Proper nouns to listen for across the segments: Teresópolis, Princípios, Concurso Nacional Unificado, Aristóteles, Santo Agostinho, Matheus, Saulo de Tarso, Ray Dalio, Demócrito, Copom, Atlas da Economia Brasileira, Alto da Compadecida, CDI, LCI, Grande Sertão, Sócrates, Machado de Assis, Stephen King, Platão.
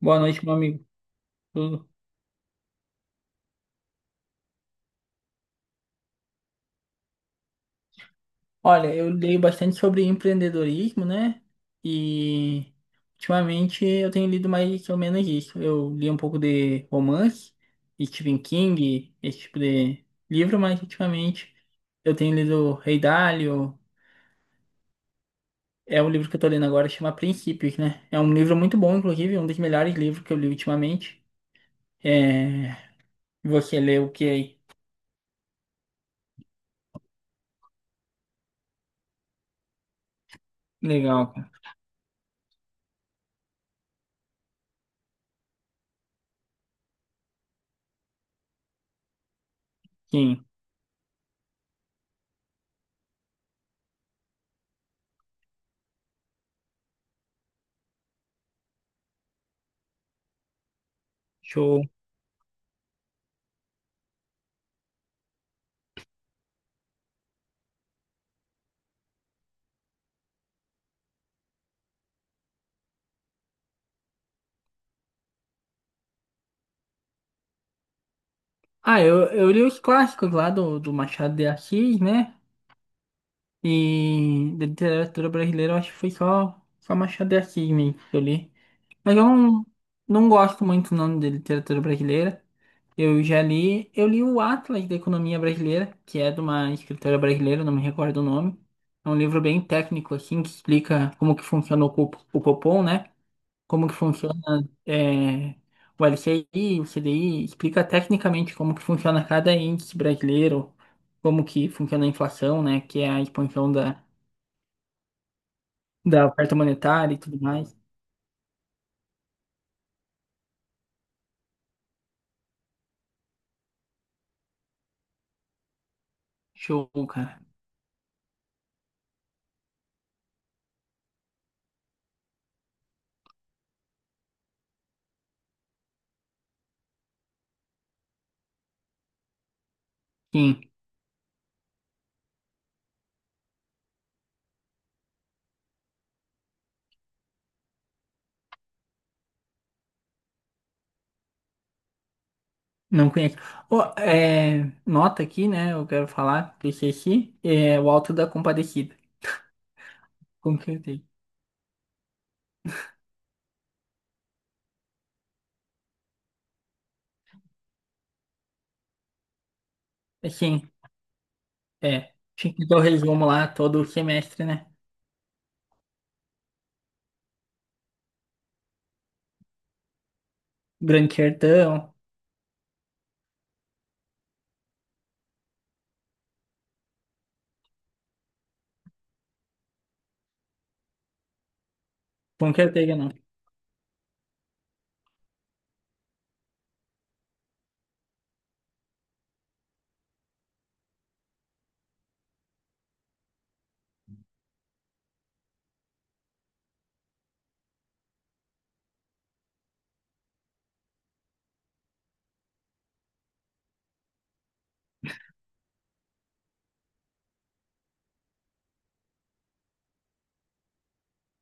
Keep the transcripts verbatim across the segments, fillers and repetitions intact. Boa noite, meu amigo. Tudo? Olha, eu leio bastante sobre empreendedorismo, né? E ultimamente eu tenho lido mais ou menos isso. Eu li um pouco de romance, Stephen King, esse tipo de livro, mas ultimamente eu tenho lido Rei Dalio. É um livro que eu tô lendo agora, chama Princípios, né? É um livro muito bom, inclusive, um dos melhores livros que eu li ultimamente. É... Você leu o que aí? Legal, cara. Sim. Show. Ah, eu, eu li os clássicos lá do, do Machado de Assis, né? E da literatura brasileira, eu acho que foi só, só Machado de Assis mesmo que eu li. Mas eu não, Não gosto muito não de literatura brasileira. Eu já li, eu li o Atlas da Economia Brasileira, que é de uma escritora brasileira, não me recordo o nome. É um livro bem técnico, assim, que explica como que funciona o, Cop- o Copom, né? Como que funciona é, o L C I, o C D I, explica tecnicamente como que funciona cada índice brasileiro, como que funciona a inflação, né, que é a expansão da, da oferta monetária e tudo mais. Show, cara. Sim, não conheço. Ô, é, nota aqui, né, eu quero falar, P C C, é o Alto da Compadecida, com certeza. É, sim, é. Tinha que dar o resumo lá todo semestre, né? Grande Sertão, com certeza não.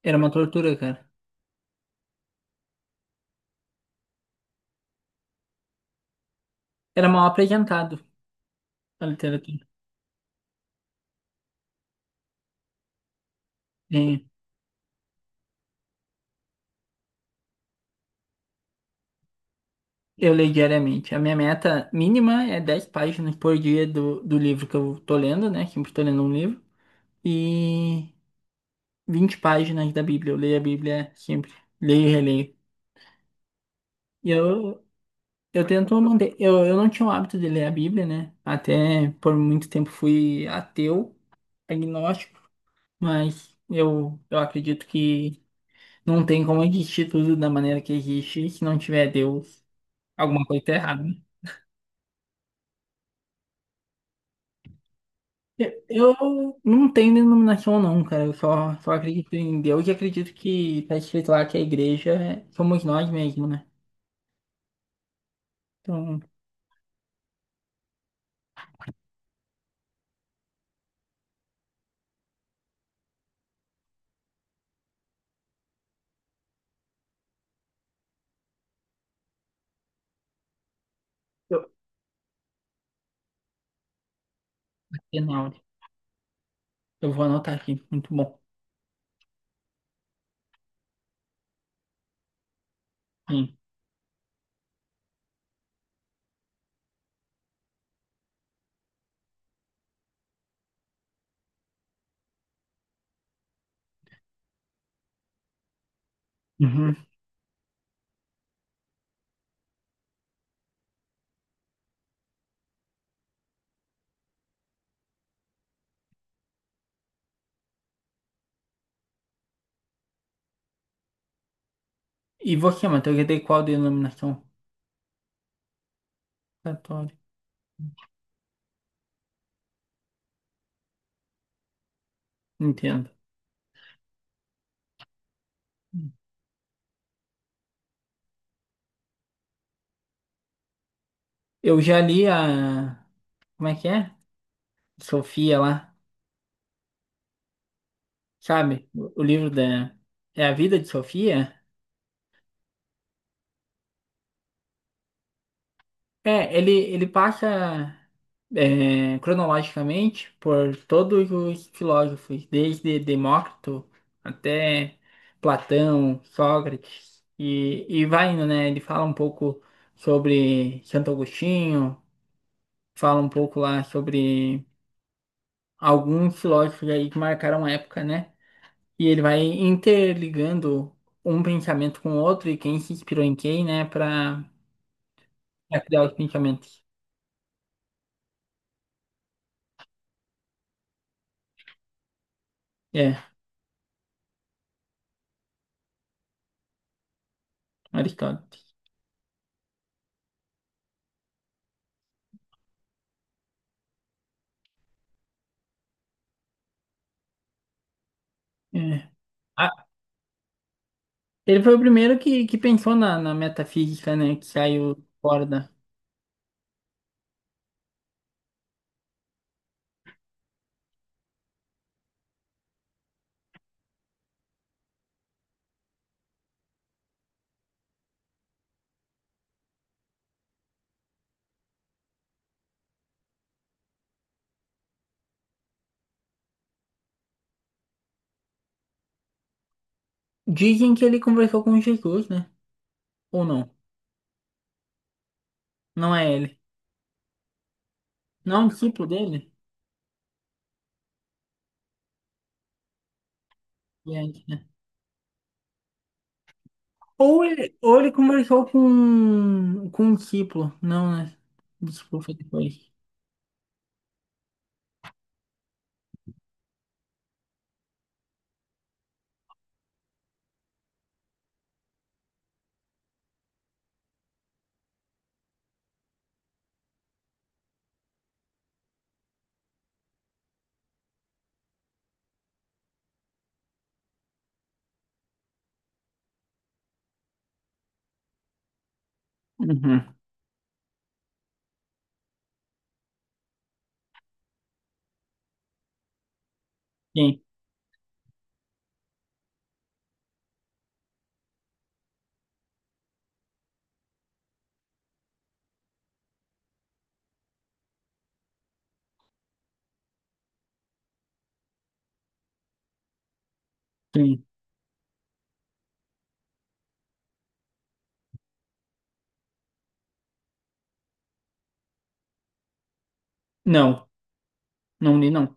Era uma tortura, cara. Era mal apresentado a literatura. Sim, eu leio diariamente. A minha meta mínima é dez páginas por dia do, do livro que eu tô lendo, né? Sempre tô lendo um livro. E vinte páginas da Bíblia. Eu leio a Bíblia sempre. Leio e releio. E eu, eu tento manter. Eu, eu não tinha o hábito de ler a Bíblia, né? Até por muito tempo fui ateu, agnóstico. Mas eu, eu acredito que não tem como existir tudo da maneira que existe se não tiver Deus. Alguma coisa tá errada, né? Eu não tenho denominação não, cara. Eu só, só acredito em Deus e acredito que tá escrito lá que a igreja é- somos nós mesmos, né? Então, eu, Afinal, eu vou anotar aqui. Muito bom. Sim. Uhum. E você, Matheus, já tem qual denominação? Católica. Entendo. Eu já li a... Como é que é? Sofia lá, sabe? O o livro da... É a vida de Sofia? É, ele, ele passa é, cronologicamente por todos os filósofos, desde Demócrito até Platão, Sócrates, e, e vai indo, né? Ele fala um pouco sobre Santo Agostinho, fala um pouco lá sobre alguns filósofos aí que marcaram a época, né? E ele vai interligando um pensamento com o outro e quem se inspirou em quem, né, para criar os pensamentos. É, Aristóteles. É. Ah, ele foi o primeiro que, que pensou na, na metafísica, né? Que saiu fora da. Dizem que ele conversou com Jesus, né? Ou não? Não é ele. Não é um discípulo dele? Gente, né? Ou ele, ou ele conversou com, com um discípulo. Não, né? Discípulo foi depois. Uhum. Sim, sim. Não, não li, não.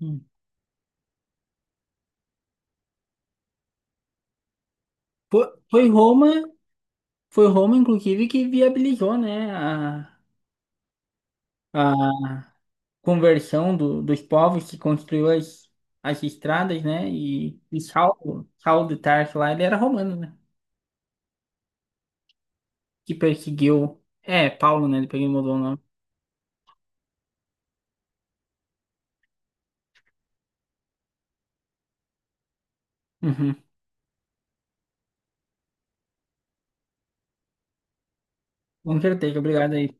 Hum. Foi, foi Roma, foi Roma, inclusive, que viabilizou, né? A, a conversão do, dos povos que construiu as, as estradas, né? E, e Saulo, Saulo de Tarso lá, ele era romano, né? Que perseguiu. É, Paulo, né? Depois ele mudou o nome. Uhum. Com certeza, obrigado aí.